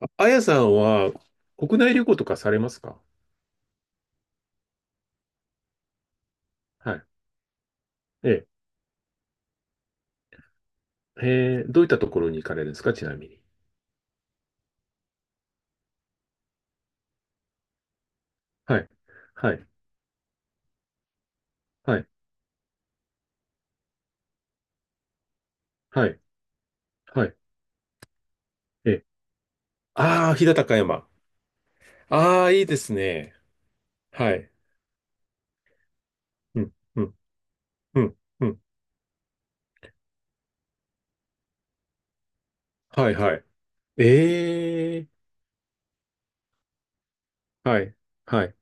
ああやさんは国内旅行とかされますか？はい。ええ。えーどういったところに行かれるんですか、ちなみに。はい。はい。はい。はい。はい。ええ。ああ、飛騨高山。ああ、いいですね。はい。うん。うん。うん。うん。はい。はい。ええ。はい。はい。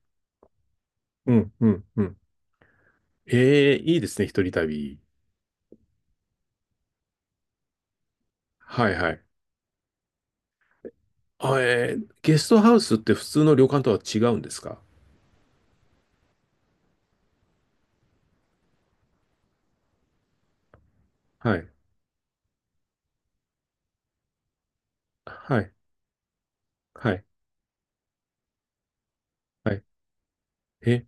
うん。うん。うん。ええ、いいですね。一人旅。はい。はい。あ、えーゲストハウスって普通の旅館とは違うんですか？はい。はい。はい。はい。え、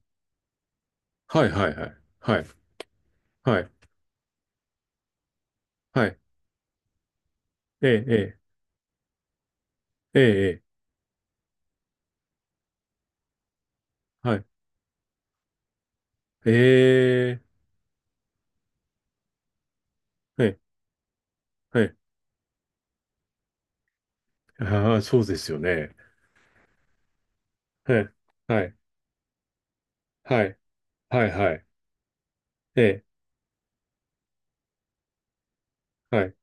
はい。はい。はい。はい。はい、はい、ええ、ええ、ええ、ええ、はい、ええ、ええ、はい、ああ、そうですよね。ええ、はい、はい、はい、はい、ええ、はい、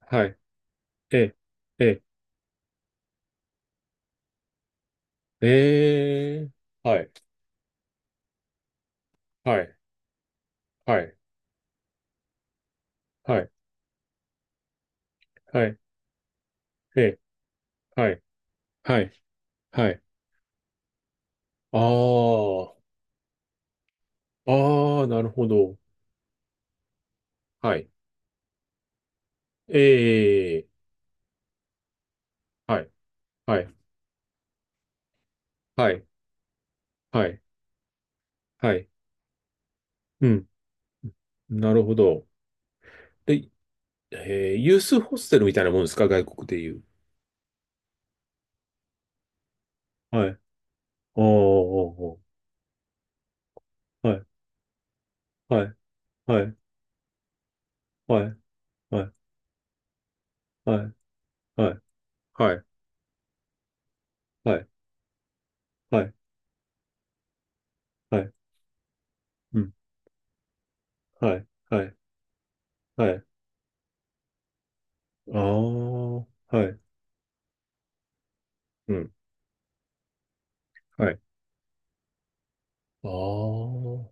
はい、ええ、ええ、ええ、はい、はい、はい、はい、はい、ええ、はい、はい、はい、ああ、ああ、なるほど。はい、ええ、はい、はい、はい、はい、はい、うん、なるほど。で、えーユースホステルみたいなもんですか、外国でいう。はい、おーおーおー。はい、はい、はい、はい、はい、はい、はい、はい、はい、はい、うん、はい、はい、はい、ああ、はい、うん、はい、ああ、は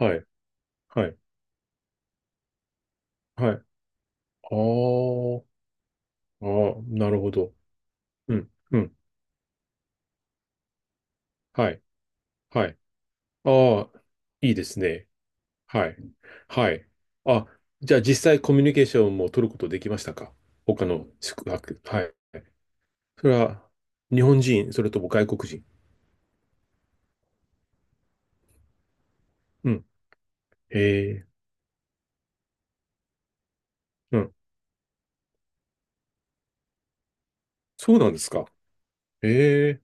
い、はい、はい、ああ、ああ、なるほど。うん、うん、はい、はい、ああ、いいですね。はい、はい。あ、じゃあ実際コミュニケーションも取ることできましたか？他の宿泊。はい。それは日本人、それとも外国人？うん、ええ、うん。そうなんですか。ええ、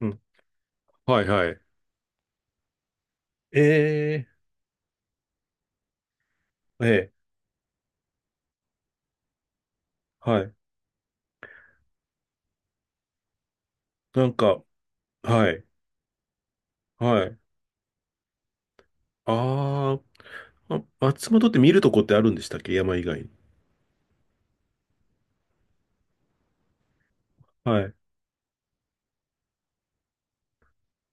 うん。はいはい。ええ、ええ、はい。なんか、はい、はい。あー、あ、松本って見るとこってあるんでしたっけ、山以外に。はい。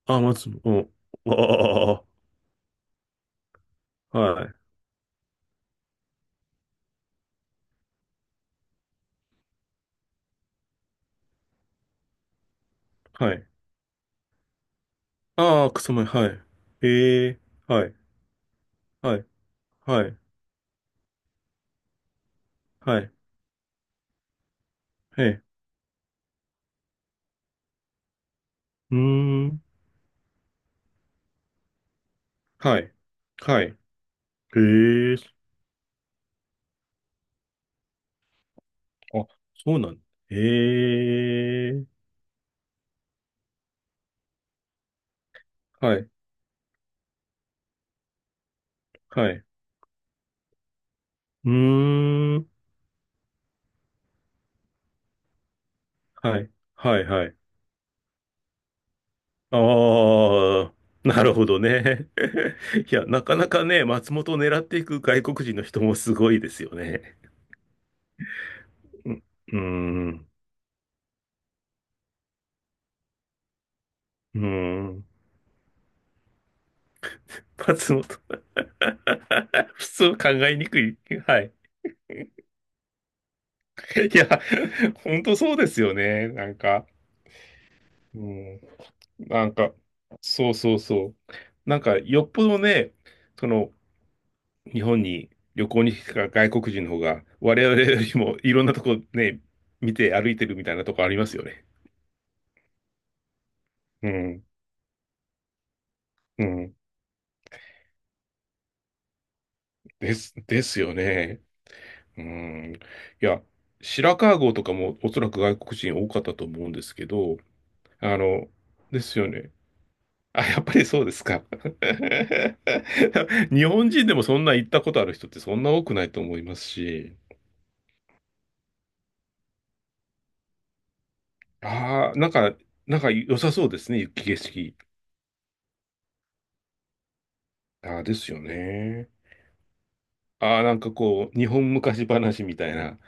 あー、松本、うん。ああ、ああ、はい、はい。ああ、草前、はい。ええ、はい、はい、はい、はい、ええ、うーん、はい、はい。ええ、あ、そうなん、ええ、はい、はい。うーん。はい。はい、はい。ああ、なるほどね。いや、なかなかね、松本を狙っていく外国人の人もすごいですよね。うん、うーん、うーん、松本。普通考えにくい。はい。いや、本当そうですよね。なんか、うん、なんか、そうそうそう。なんか、よっぽどね、その、日本に旅行に来た外国人の方が、我々よりもいろんなとこね、見て歩いてるみたいなとこありますよね。うん、うん。です、ですよね。うん。いや、白川郷とかもおそらく外国人多かったと思うんですけど、あの、ですよね。あ、やっぱりそうですか。日本人でもそんな行ったことある人ってそんな多くないと思いますし、ああ、なんか、なんか良さそうですね、雪景色。ああ、ですよね。ああ、なんかこう、日本昔話みたいな、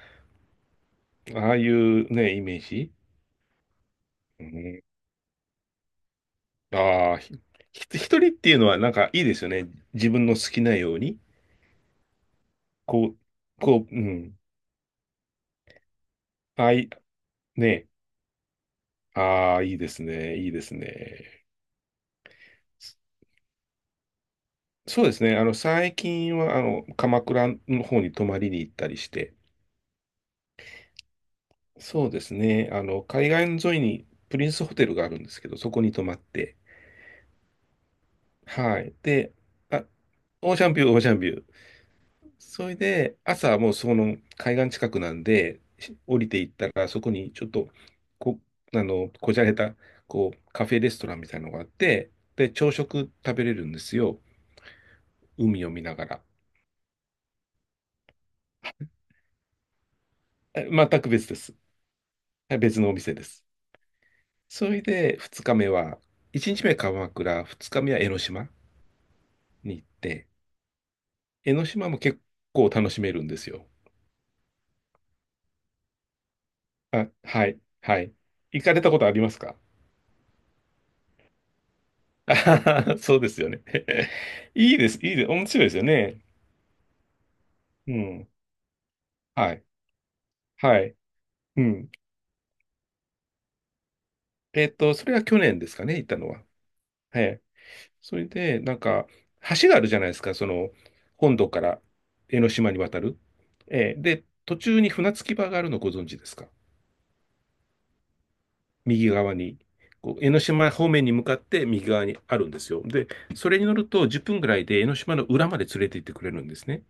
ああいうね、イメージ。うん、ああ、一人っていうのはなんかいいですよね。自分の好きなように。こう、こう、うん。ああい、ね。ああ、いいですね。いいですね。そうですね。あの、最近は、あの、鎌倉の方に泊まりに行ったりして、そうですね。あの、海岸沿いにプリンスホテルがあるんですけど、そこに泊まって、はい。で、あ、オーシャンビュー、オーシャンビュー。それで、朝はもうその海岸近くなんで、し降りていったら、そこにちょっと、こ、あの、こじゃれた、こう、カフェレストランみたいなのがあって、で、朝食食べれるんですよ。海を見ながら。え、全く別です。はい、別のお店です。それで、2日目は、1日目鎌倉、2日目は江ノ島に行って、江ノ島も結構楽しめるんですよ。あ、はい、はい。行かれたことありますか？ あはは、そうですよね。いいです、いいです、面白いですよね。うん。はい。はい。うん。えっと、それは去年ですかね、行ったのは。はい。それで、なんか、橋があるじゃないですか、その、本土から江ノ島に渡る。えーで、途中に船着き場があるのご存知ですか？右側に。こう江ノ島方面に向かって右側にあるんですよ。で、それに乗ると10分ぐらいで江ノ島の裏まで連れて行ってくれるんですね。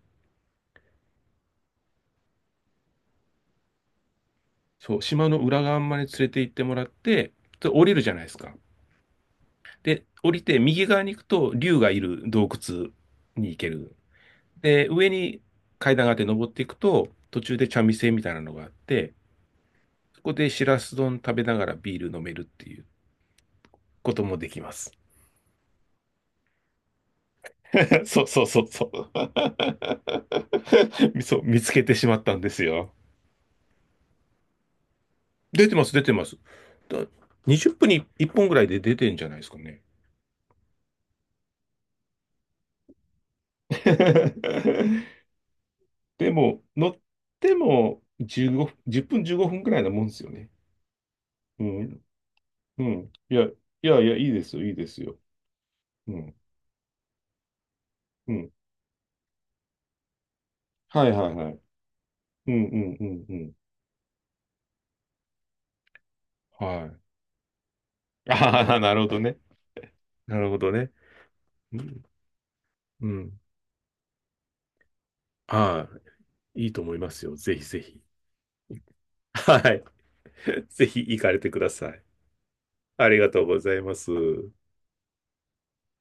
そう、島の裏側まで連れて行ってもらって、で降りるじゃないですか。で、降りて右側に行くと、竜がいる洞窟に行ける。で、上に階段があって登っていくと、途中で茶店みたいなのがあって、そこでしらす丼食べながらビール飲めるっていうこともできます。そうそうそうそう。そう、見つけてしまったんですよ。出てます、出てます。だ20分に1本ぐらいで出てんじゃないですかね。でも、乗っても15分、0分15分くらいなもんですよね。うん。うん。いや、いやいや、いいですよ、いいですよ。うん。うん。はいはいはい。うんうんうんうん。はい。ああ、なるほどね。なるほどね。うん。うん。はい。いいと思いますよ。ぜひぜひ。はい。ぜひ行かれてください。ありがとうございます。